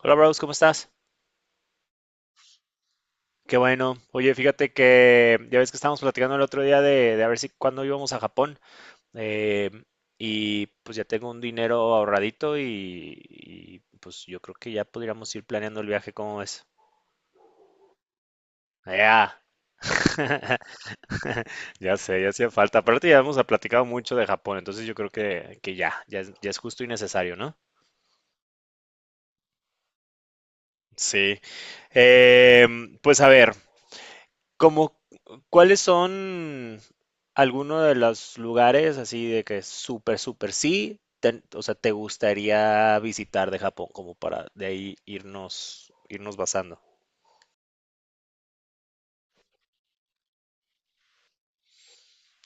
Hola, Bros, ¿cómo estás? Qué bueno. Oye, fíjate que ya ves que estábamos platicando el otro día de a ver si cuándo íbamos a Japón. eh, y pues ya tengo un dinero ahorradito y pues yo creo que ya podríamos ir planeando el viaje, ¿cómo ves? Ya. Ya sé, ya hacía falta. Aparte ya hemos platicado mucho de Japón, entonces yo creo que ya es justo y necesario, ¿no? Sí. Pues a ver. Como, ¿Cuáles son algunos de los lugares así de que súper, súper sí, o sea, te gustaría visitar de Japón como para de ahí irnos basando?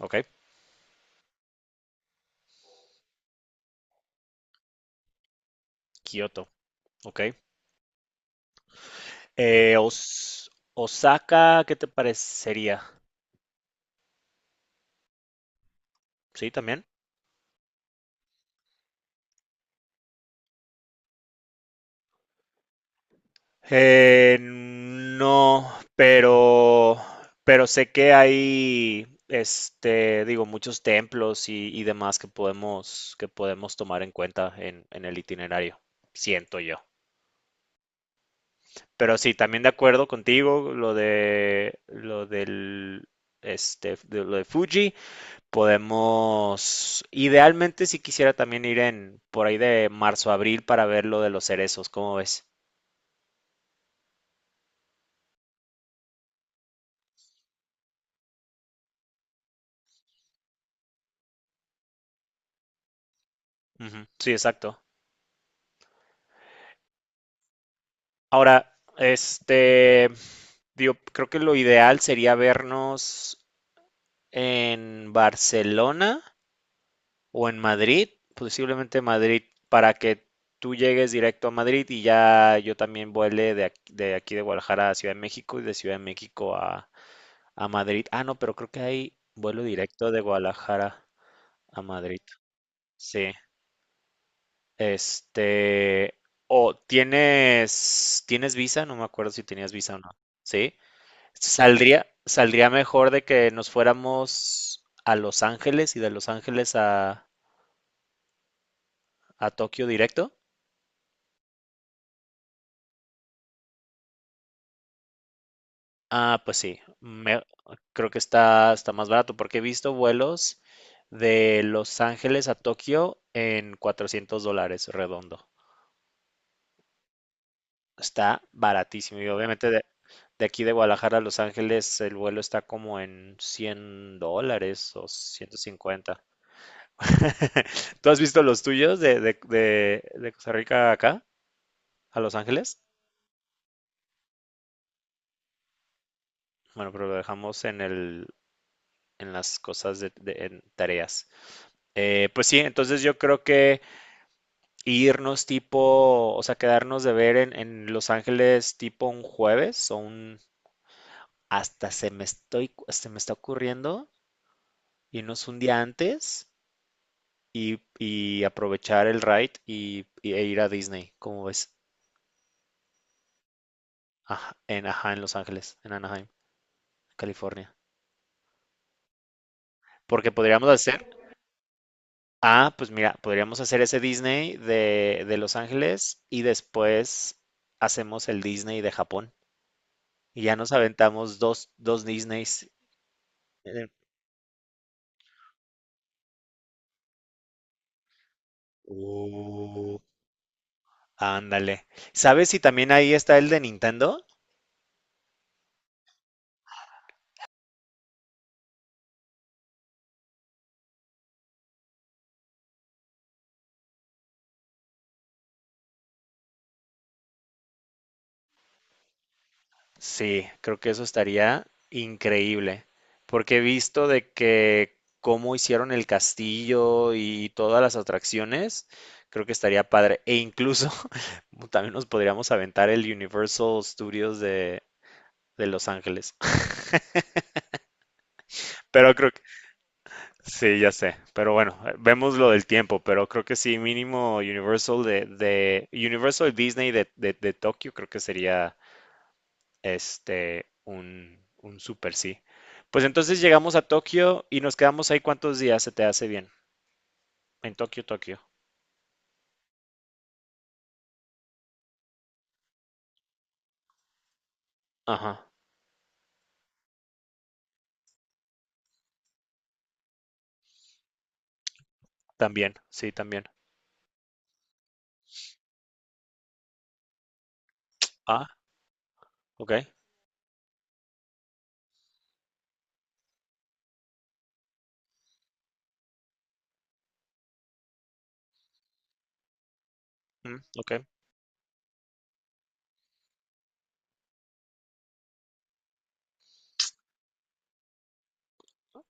¿Ok? Kioto, ¿ok? Osaka, ¿qué te parecería? Sí, también. No, pero, pero sé que hay, este, digo, muchos templos y demás que que podemos tomar en cuenta en el itinerario, siento yo. Pero sí, también de acuerdo contigo, lo del, este, de lo de Fuji, podemos, idealmente si quisiera también ir en, por ahí de marzo, abril para ver lo de los cerezos, ¿cómo ves? Ujú, sí, exacto. Ahora, este, digo, creo que lo ideal sería vernos en Barcelona o en Madrid, posiblemente Madrid, para que tú llegues directo a Madrid y ya yo también vuele de aquí de Guadalajara a Ciudad de México y de Ciudad de México a Madrid. Ah, no, pero creo que hay vuelo directo de Guadalajara a Madrid. Sí. Este, ¿tienes visa? No me acuerdo si tenías visa o no. Sí. Saldría mejor de que nos fuéramos a Los Ángeles y de Los Ángeles a Tokio directo. Ah, pues sí, creo que está más barato porque he visto vuelos de Los Ángeles a Tokio en $400 redondo. Está baratísimo y obviamente de aquí de Guadalajara a Los Ángeles el vuelo está como en $100 o 150. ¿Tú has visto los tuyos de Costa Rica acá a Los Ángeles? Bueno, pero lo dejamos en el, en las cosas en tareas. Pues sí, entonces yo creo que irnos tipo, o sea, quedarnos de ver en Los Ángeles tipo un jueves o un, hasta se me estoy, se me está ocurriendo irnos un día antes y aprovechar el ride e ir a Disney, como ves? Ajá, en Los Ángeles, en Anaheim, California. Porque podríamos hacer, ah, pues mira, podríamos hacer ese Disney de Los Ángeles y después hacemos el Disney de Japón. Y ya nos aventamos dos Disneys. Eh, Uh, ándale. ¿Sabes si también ahí está el de Nintendo? Sí, creo que eso estaría increíble. Porque he visto de que cómo hicieron el castillo y todas las atracciones, creo que estaría padre. E incluso también nos podríamos aventar el Universal Studios de Los Ángeles. Pero creo que sí, ya sé. Pero bueno, vemos lo del tiempo, pero creo que sí, mínimo Universal de Universal Disney de Tokio, creo que sería este un super sí. Pues entonces llegamos a Tokio y nos quedamos ahí cuántos días se te hace bien. En Tokio, Tokio. Ajá. También, sí, también. Ah, ok. Mm, ok.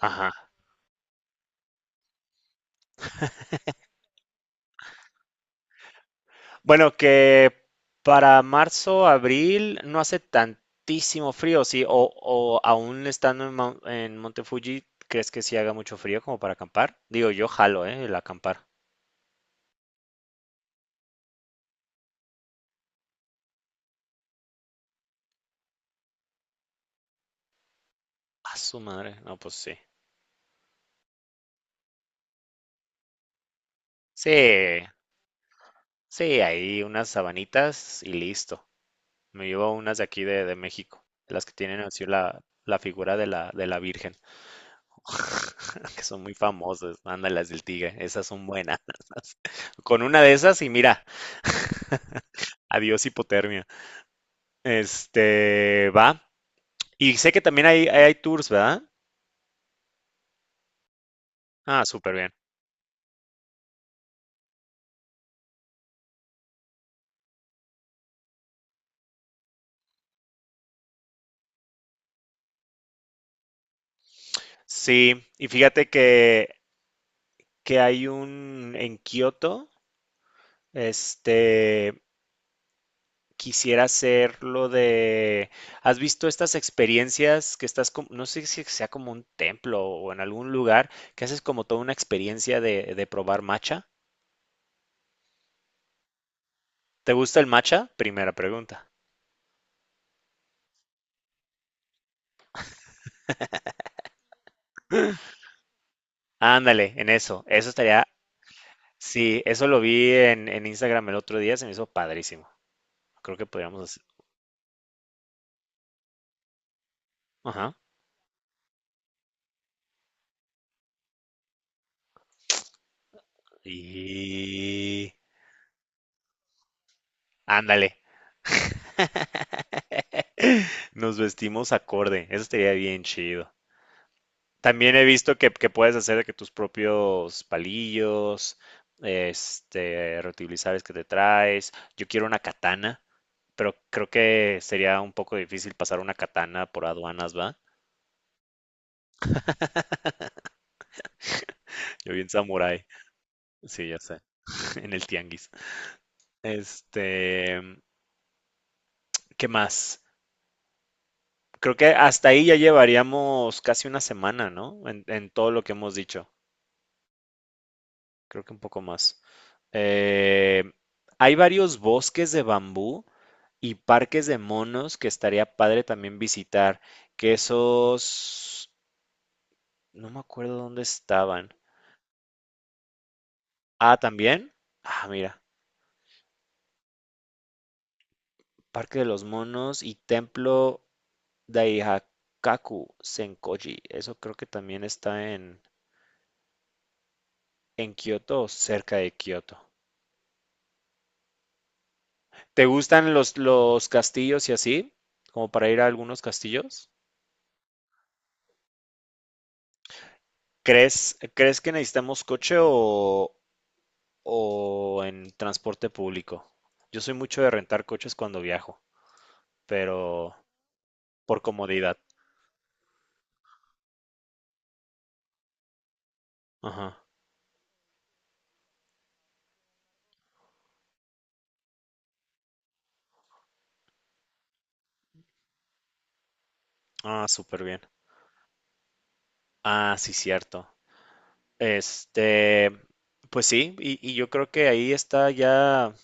Ajá. Bueno, que para marzo, abril no hace tantísimo frío, sí, o aún estando en, en Monte Fuji, ¿crees que sí haga mucho frío como para acampar? Digo, yo jalo, ¿eh? El acampar. A su madre. No, pues sí. Sí, sí, ahí unas sabanitas y listo. Me llevo unas de de México, las que tienen así la figura de de la Virgen. Que son muy famosas. Ándale, las del tigre, esas son buenas. Con una de esas y mira, adiós hipotermia. Este, va. Y sé que también hay tours, ¿verdad? Ah, súper bien. Sí, y fíjate que hay un en Kioto, este, quisiera hacer lo de... ¿Has visto estas experiencias que estás, como, no sé si sea como un templo o en algún lugar, que haces como toda una experiencia de probar matcha? ¿Te gusta el matcha? Primera pregunta. Ándale, en eso. Eso estaría... Sí, eso lo vi en Instagram el otro día, se me hizo padrísimo. Creo que podríamos hacer... Ajá. Y... Ándale, nos vestimos acorde. Eso estaría bien chido. También he visto que puedes hacer de que tus propios palillos, este, reutilizables que te traes. Yo quiero una katana, pero creo que sería un poco difícil pasar una katana por aduanas, ¿va? Yo vi en Samurai, sí, ya sé, en el tianguis. Este, ¿qué más? Creo que hasta ahí ya llevaríamos casi una semana, ¿no? En todo lo que hemos dicho. Creo que un poco más. Eh, hay varios bosques de bambú y parques de monos que estaría padre también visitar, que esos, no me acuerdo dónde estaban. Ah, también, ah, mira, Parque de los Monos y Templo Daihakaku Senkoji, eso creo que también está en Kioto o cerca de Kioto. ¿Te gustan los castillos y así? Como para ir a algunos castillos. ¿Crees que necesitamos coche o en transporte público? Yo soy mucho de rentar coches cuando viajo, pero por comodidad. Ajá. Ah, súper bien. Ah, sí, cierto. Este, pues sí, y yo creo que ahí está ya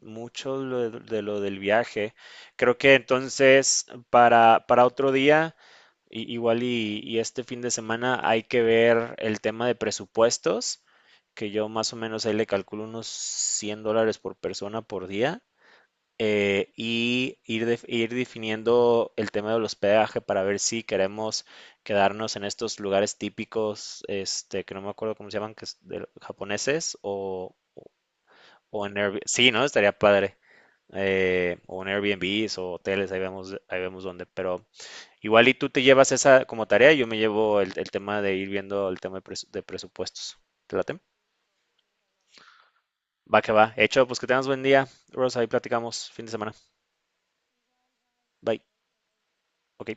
mucho lo de lo del viaje. Creo que entonces para otro día, igual y este fin de semana hay que ver el tema de presupuestos, que yo más o menos ahí le calculo unos $100 por persona por día, y ir, ir definiendo el tema del hospedaje para ver si queremos quedarnos en estos lugares típicos, este, que no me acuerdo cómo se llaman, que es de, japoneses o en Airbnb. Sí, ¿no? Estaría padre, o en Airbnb o hoteles, ahí vemos dónde. Pero igual y tú te llevas esa como tarea, y yo me llevo el tema de ir viendo el tema de, de presupuestos. ¿Te late? Va que va. Hecho, pues que tengas buen día, Rosa, ahí platicamos fin de semana. Bye. Ok.